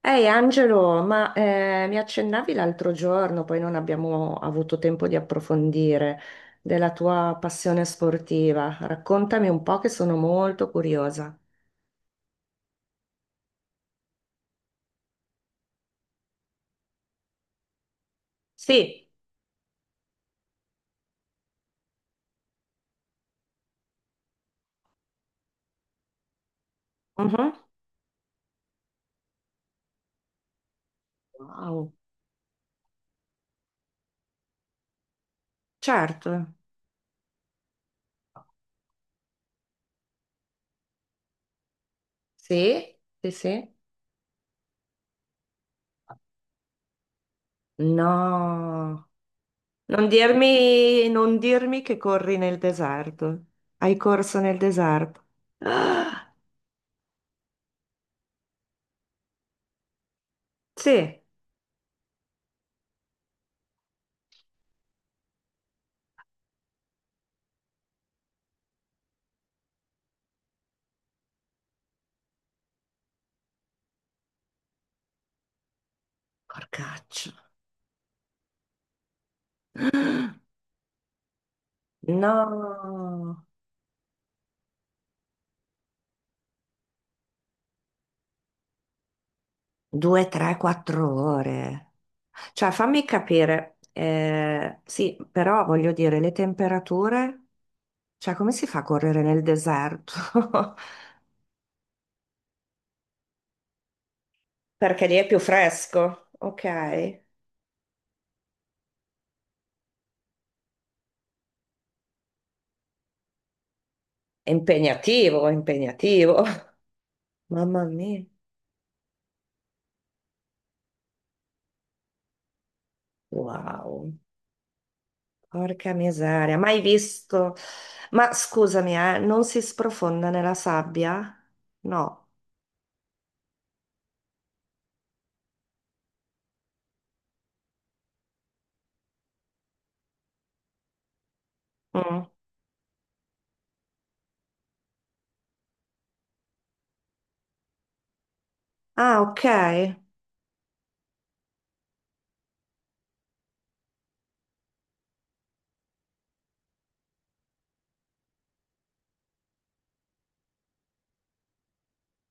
Ehi Angelo, ma mi accennavi l'altro giorno, poi non abbiamo avuto tempo di approfondire, della tua passione sportiva. Raccontami un po' che sono molto curiosa. Sì. Mhm. Wow. Certo. Sì, sì, sì. No, non dirmi, non dirmi che corri nel deserto. Hai corso nel deserto. Ah, sì. Porcaccio. No. Due, tre, quattro ore. Cioè, fammi capire, sì, però voglio dire, le temperature, cioè, come si fa a correre nel deserto? Perché lì è più fresco, ok? È impegnativo, è impegnativo. Mamma mia, wow, porca miseria, mai visto. Ma scusami, non si sprofonda nella sabbia? No. Mm. Ah, ok.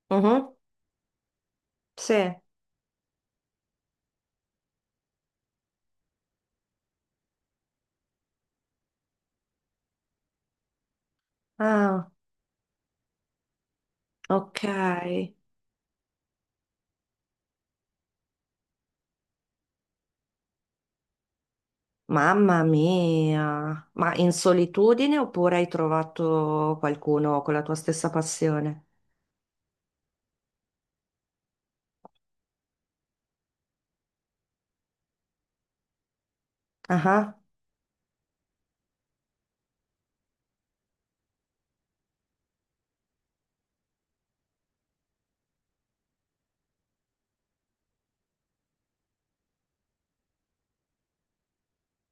Mhm. Sì. Ah. Ok, mamma mia, ma in solitudine oppure hai trovato qualcuno con la tua stessa passione? Ah,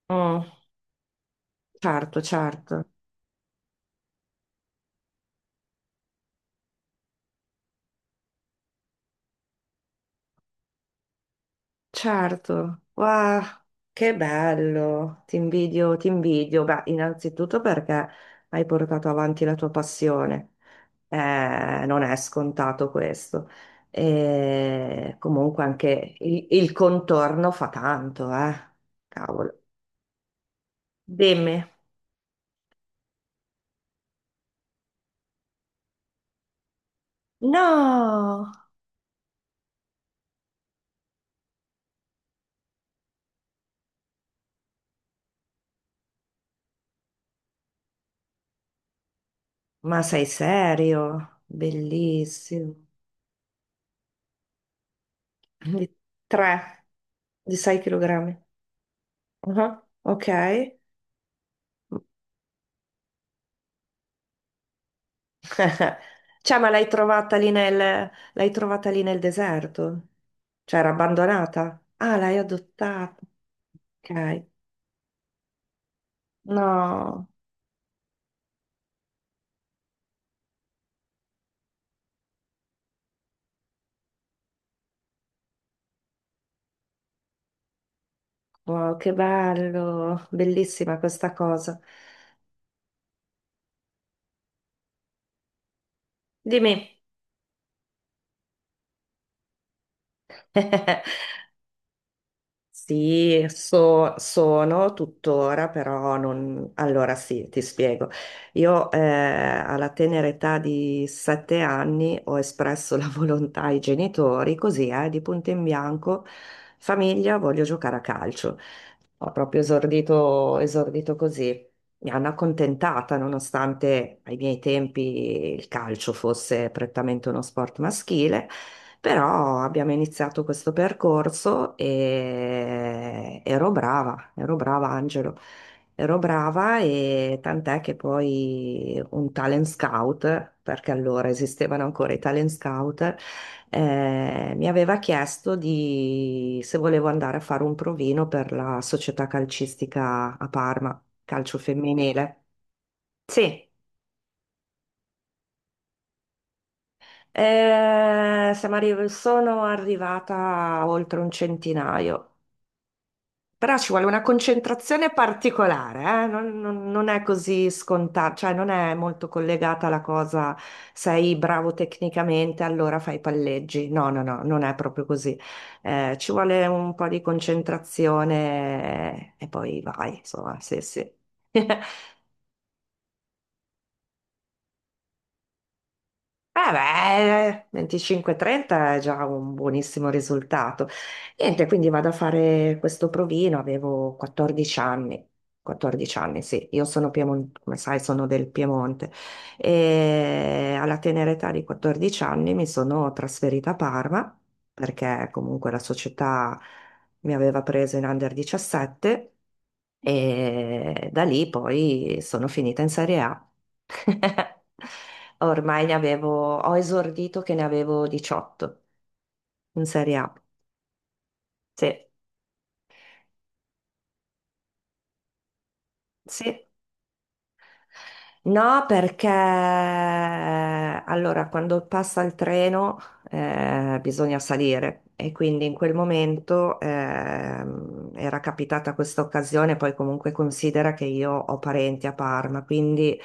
ah. Mm, certo, certo, certo. Wow, che bello, ti invidio, ti invidio. Beh, innanzitutto perché hai portato avanti la tua passione. Non è scontato questo. E comunque anche il contorno fa tanto, eh. Cavolo. Dimmi. No, ma sei serio? Bellissimo. Di 3, di 6 kg. Ok. Cioè, ma l'hai trovata lì nel deserto? Cioè, era abbandonata? Ah, l'hai adottata. Ok. No, wow, che bello. Bellissima questa cosa. Dimmi. Sì, sono tuttora, però non. Allora sì, ti spiego. Io alla tenera età di 7 anni ho espresso la volontà ai genitori, così di punto in bianco, famiglia, voglio giocare a calcio. Ho proprio esordito, esordito così. Mi hanno accontentata, nonostante ai miei tempi il calcio fosse prettamente uno sport maschile. Però abbiamo iniziato questo percorso e ero brava Angelo, ero brava e tant'è che poi un talent scout, perché allora esistevano ancora i talent scout, mi aveva chiesto se volevo andare a fare un provino per la società calcistica a Parma, calcio femminile. Sì. Sono arrivata a oltre un centinaio. Però ci vuole una concentrazione particolare, eh? Non è così scontato, cioè non è molto collegata la cosa, sei bravo tecnicamente, allora fai palleggi. No, no, no, non è proprio così. Ci vuole un po' di concentrazione e poi vai, insomma, sì, sì. Eh beh, 25-30 è già un buonissimo risultato. Niente, quindi vado a fare questo provino, avevo 14 anni, 14 anni, sì, io sono Piemonte, come sai, sono del Piemonte e alla tenera età di 14 anni mi sono trasferita a Parma perché comunque la società mi aveva preso in under 17 e da lì poi sono finita in Serie A. Ho esordito che ne avevo 18 in Serie A. Sì, sì. No, perché allora quando passa il treno bisogna salire e quindi in quel momento era capitata questa occasione, poi comunque considera che io ho parenti a Parma, quindi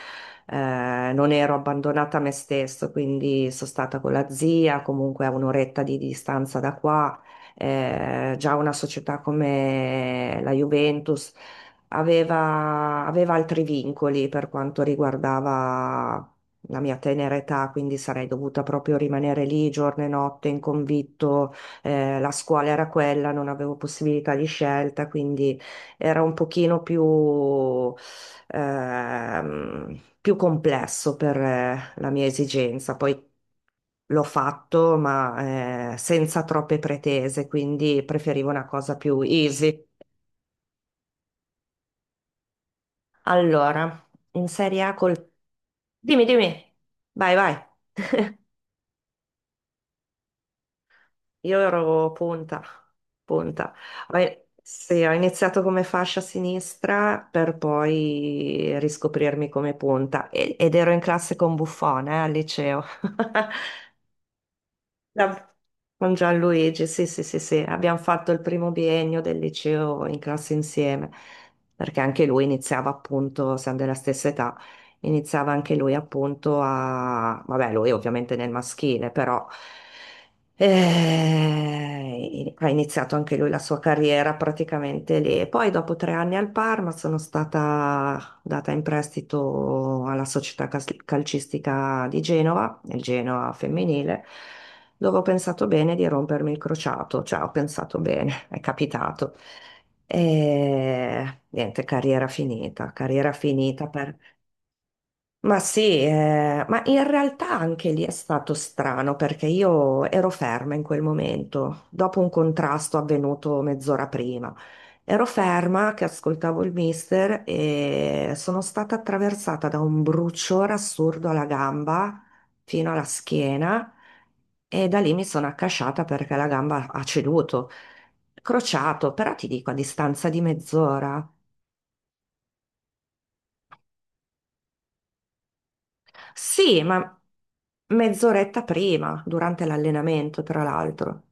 non ero abbandonata a me stesso, quindi sono stata con la zia, comunque a un'oretta di distanza da qua, già una società come la Juventus aveva altri vincoli per quanto riguardava la mia tenera età, quindi sarei dovuta proprio rimanere lì giorno e notte in convitto, la scuola era quella, non avevo possibilità di scelta, quindi era un pochino più complesso per la mia esigenza. Poi l'ho fatto, ma senza troppe pretese, quindi preferivo una cosa più easy. Allora, in Serie A col. Dimmi, dimmi. Vai, vai. Io ero punta, punta. Sì, ho iniziato come fascia sinistra per poi riscoprirmi come punta ed ero in classe con Buffon, al liceo. Da- Con Gianluigi, sì, sì, sì, sì, abbiamo fatto il primo biennio del liceo in classe insieme, perché anche lui iniziava appunto, siamo della stessa età, iniziava anche lui appunto vabbè, lui ovviamente nel maschile, però ha iniziato anche lui la sua carriera praticamente lì. E poi dopo 3 anni al Parma sono stata data in prestito alla società calcistica di Genova, il Genoa femminile dove ho pensato bene di rompermi il crociato, cioè ho pensato bene, è capitato. E niente, carriera finita ma sì, ma in realtà anche lì è stato strano perché io ero ferma in quel momento, dopo un contrasto avvenuto mezz'ora prima. Ero ferma che ascoltavo il mister e sono stata attraversata da un bruciore assurdo alla gamba fino alla schiena e da lì mi sono accasciata perché la gamba ha ceduto, crociato, però ti dico a distanza di mezz'ora. Sì, ma mezz'oretta prima, durante l'allenamento, tra l'altro.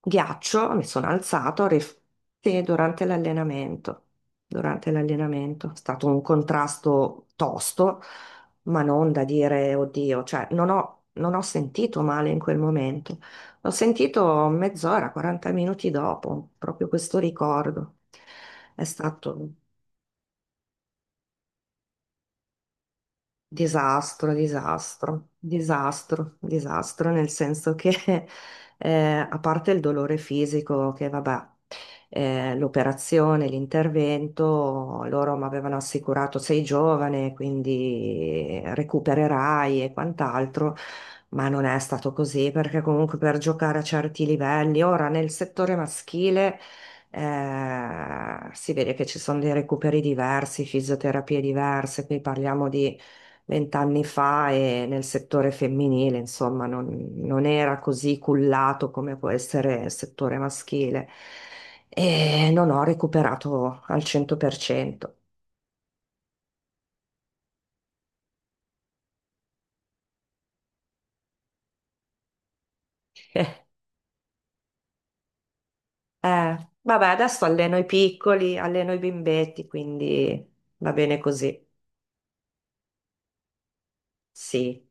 Ghiaccio, mi sono alzato, sì, durante l'allenamento. Durante l'allenamento. È stato un contrasto tosto, ma non da dire, oddio, cioè, non ho sentito male in quel momento. L'ho sentito mezz'ora, 40 minuti dopo, proprio questo ricordo. È stato disastro, disastro, disastro, disastro, nel senso che a parte il dolore fisico, che vabbè, l'operazione, l'intervento, loro mi avevano assicurato sei giovane, quindi recupererai e quant'altro, ma non è stato così perché comunque per giocare a certi livelli, ora nel settore maschile si vede che ci sono dei recuperi diversi, fisioterapie diverse, qui parliamo di 20 anni fa e nel settore femminile, insomma, non era così cullato come può essere il settore maschile e non ho recuperato al 100%. Eh, vabbè, adesso alleno i piccoli, alleno i bimbetti, quindi va bene così. Sì.